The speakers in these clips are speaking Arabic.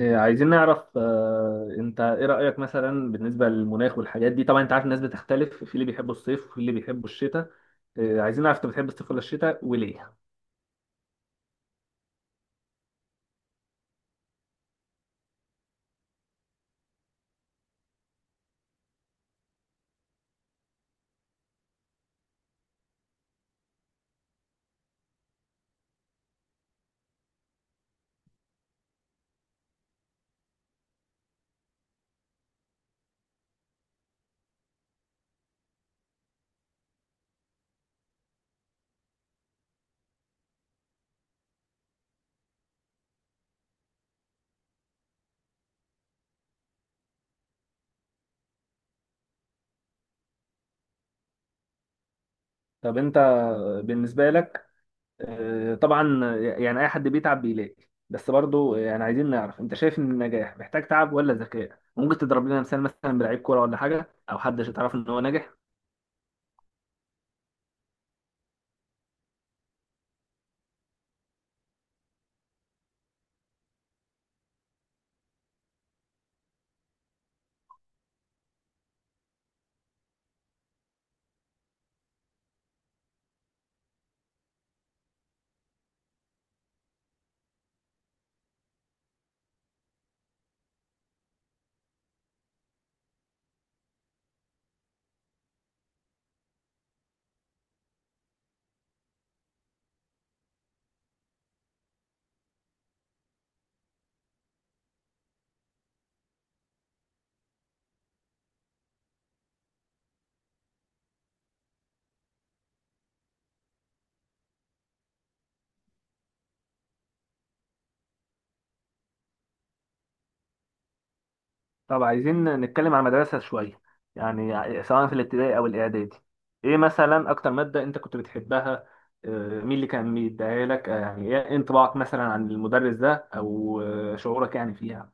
إيه، عايزين نعرف انت ايه رأيك مثلا بالنسبة للمناخ والحاجات دي؟ طبعا انت عارف الناس بتختلف في اللي بيحبوا الصيف وفي اللي بيحبوا الشتاء. إيه، عايزين نعرف انت بتحب الصيف ولا الشتاء وليه؟ طب انت بالنسبة لك، طبعا يعني اي حد بيتعب بيلاقي، بس برضو يعني عايزين نعرف انت شايف ان النجاح محتاج تعب ولا ذكاء؟ ممكن تضرب لنا مثال مثلا بلعيب كورة ولا حاجة او حد تعرف ان هو ناجح. طب عايزين نتكلم عن المدرسة شوية، يعني سواء في الابتدائي أو الإعدادي، إيه مثلا أكتر مادة أنت كنت بتحبها؟ مين اللي كان بيديها لك؟ يعني إيه انطباعك مثلا عن المدرس ده؟ أو شعورك يعني فيها.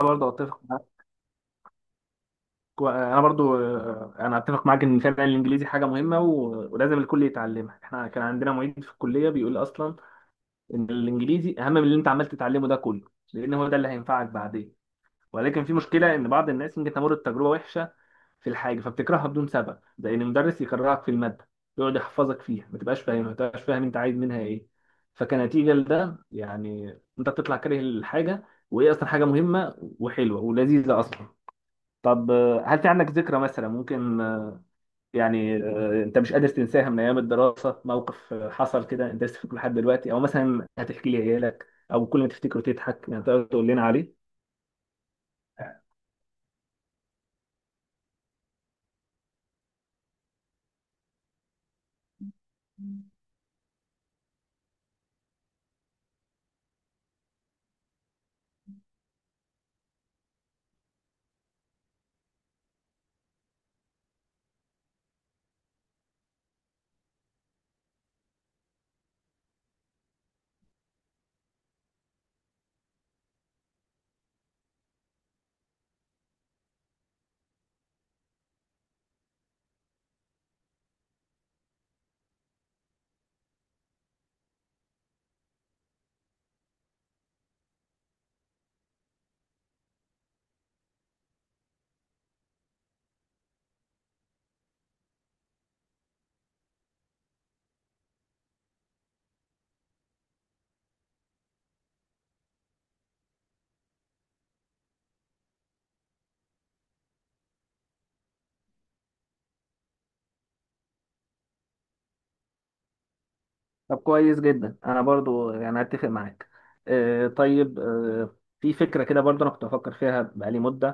أنا برضه أتفق معاك. أنا برضه، أنا أتفق معاك إن فعلا الإنجليزي حاجة مهمة ولازم الكل يتعلمها. إحنا كان عندنا معيد في الكلية بيقول أصلا إن الإنجليزي أهم من اللي أنت عمال تتعلمه ده كله، لأن هو ده اللي هينفعك بعدين. ولكن في مشكله ان بعض الناس ممكن تمر بتجربه وحشه في الحاجه فبتكرهها بدون سبب، زي ان المدرس يكرهك في الماده، يقعد يحفظك فيها ما تبقاش فاهمها، ما تبقاش فاهم انت عايز منها ايه. فكنتيجه لده يعني انت بتطلع كاره الحاجه، وهي اصلا حاجه مهمه وحلوه ولذيذه اصلا. طب هل في عندك ذكرى مثلا ممكن، يعني انت مش قادر تنساها من ايام الدراسه؟ موقف حصل كده انت لسه فاكره لحد دلوقتي او مثلا هتحكي لي عيالك او كل ما تفتكره تضحك، يعني تقدر تقول لنا عليه؟ طب كويس جدا، انا برضو يعني اتفق معاك. آه طيب، آه في فكره كده برضو انا كنت بفكر فيها بقالي مده،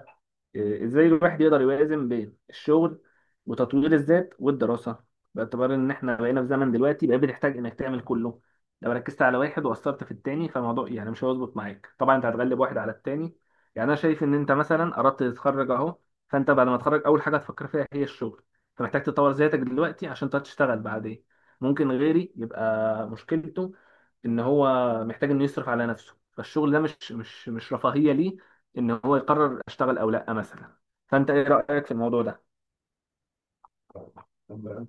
آه ازاي الواحد يقدر يوازن بين الشغل وتطوير الذات والدراسه، باعتبار ان احنا بقينا في زمن دلوقتي بقى بتحتاج انك تعمل كله. لو ركزت على واحد وقصرت في التاني فالموضوع يعني مش هيظبط معاك، طبعا انت هتغلب واحد على التاني. يعني انا شايف ان انت مثلا اردت تتخرج اهو، فانت بعد ما تتخرج اول حاجه هتفكر فيها هي الشغل، فمحتاج تطور ذاتك دلوقتي عشان تقدر تشتغل بعدين. ممكن غيري يبقى مشكلته ان هو محتاج انه يصرف على نفسه، فالشغل ده مش رفاهية ليه ان هو يقرر اشتغل او لا مثلا. فانت ايه رأيك في الموضوع ده؟ طب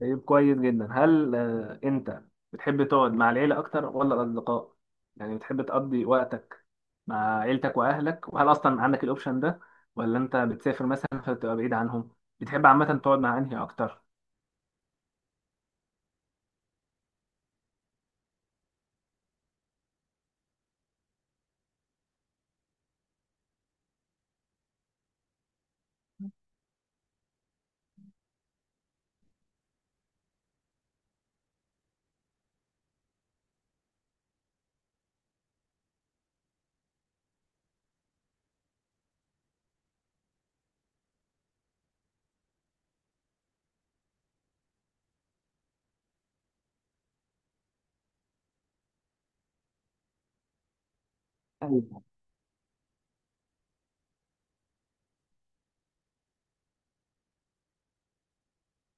طيب كويس جدا. هل انت بتحب تقعد مع العيلة اكتر ولا الاصدقاء؟ يعني بتحب تقضي وقتك مع عيلتك واهلك، وهل اصلا عندك الاوبشن ده ولا انت بتسافر مثلا فتبقى بعيد عنهم؟ بتحب عامة تقعد مع انهي اكتر؟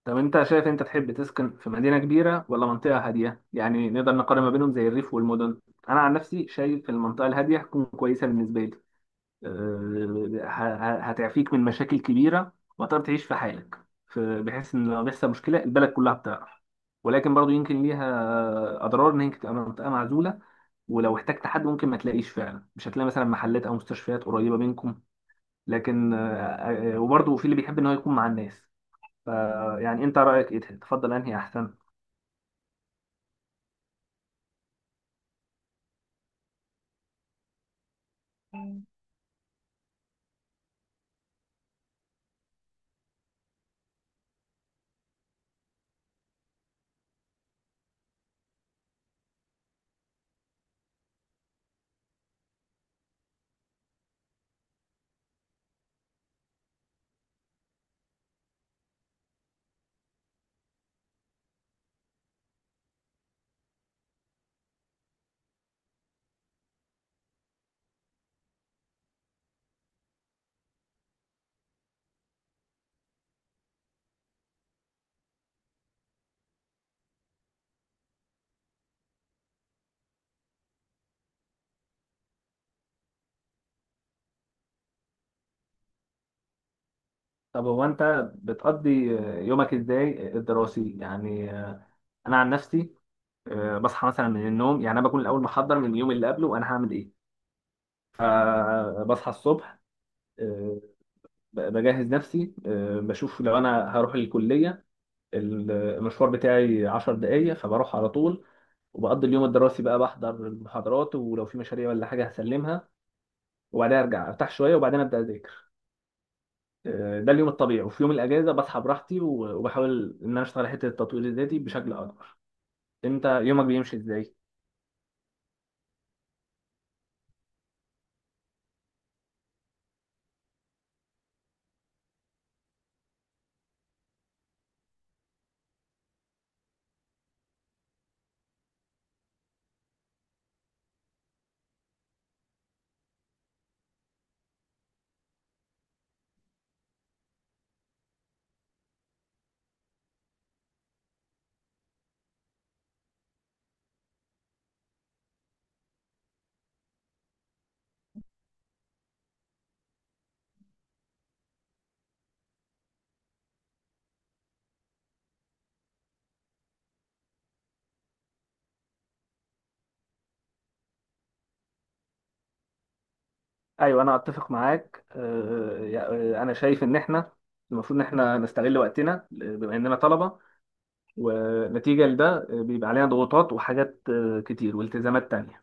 طب انت شايف انت تحب تسكن في مدينة كبيرة ولا منطقة هادية؟ يعني نقدر نقارن ما بينهم زي الريف والمدن. انا عن نفسي شايف المنطقة الهادية هتكون كويسة بالنسبة لي. أه، هتعفيك من مشاكل كبيرة وتقدر تعيش في حالك. بحيث ان لو بيحصل مشكلة البلد كلها بتعرف. ولكن برضو يمكن ليها اضرار ان هي تبقى منطقة معزولة، ولو احتجت حد ممكن ما تلاقيش، فعلا مش هتلاقي مثلا محلات او مستشفيات قريبه منكم. لكن وبرضه في اللي بيحب ان هو يكون مع الناس ف- يعني انت رأيك ايه؟ تفضل انهي احسن؟ طب هو انت بتقضي يومك ازاي الدراسي؟ يعني انا عن نفسي، بصحى مثلا من النوم، يعني انا بكون الاول محضر من اليوم اللي قبله انا هعمل ايه. فبصحى الصبح، آه، بجهز نفسي، بشوف لو انا هروح الكلية المشوار بتاعي 10 دقايق فبروح على طول. وبقضي اليوم الدراسي بقى بحضر المحاضرات، ولو في مشاريع ولا حاجة هسلمها، وبعدها ارجع ارتاح شوية وبعدين ابدا اذاكر. ده اليوم الطبيعي. وفي يوم الاجازه بصحى براحتي وبحاول ان انا اشتغل على حته التطوير الذاتي بشكل اكبر. انت يومك بيمشي ازاي؟ ايوه انا اتفق معاك. انا شايف ان احنا المفروض ان احنا نستغل وقتنا، بما اننا طلبه، ونتيجه لده بيبقى علينا ضغوطات وحاجات كتير والتزامات تانية.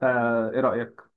فايه رايك؟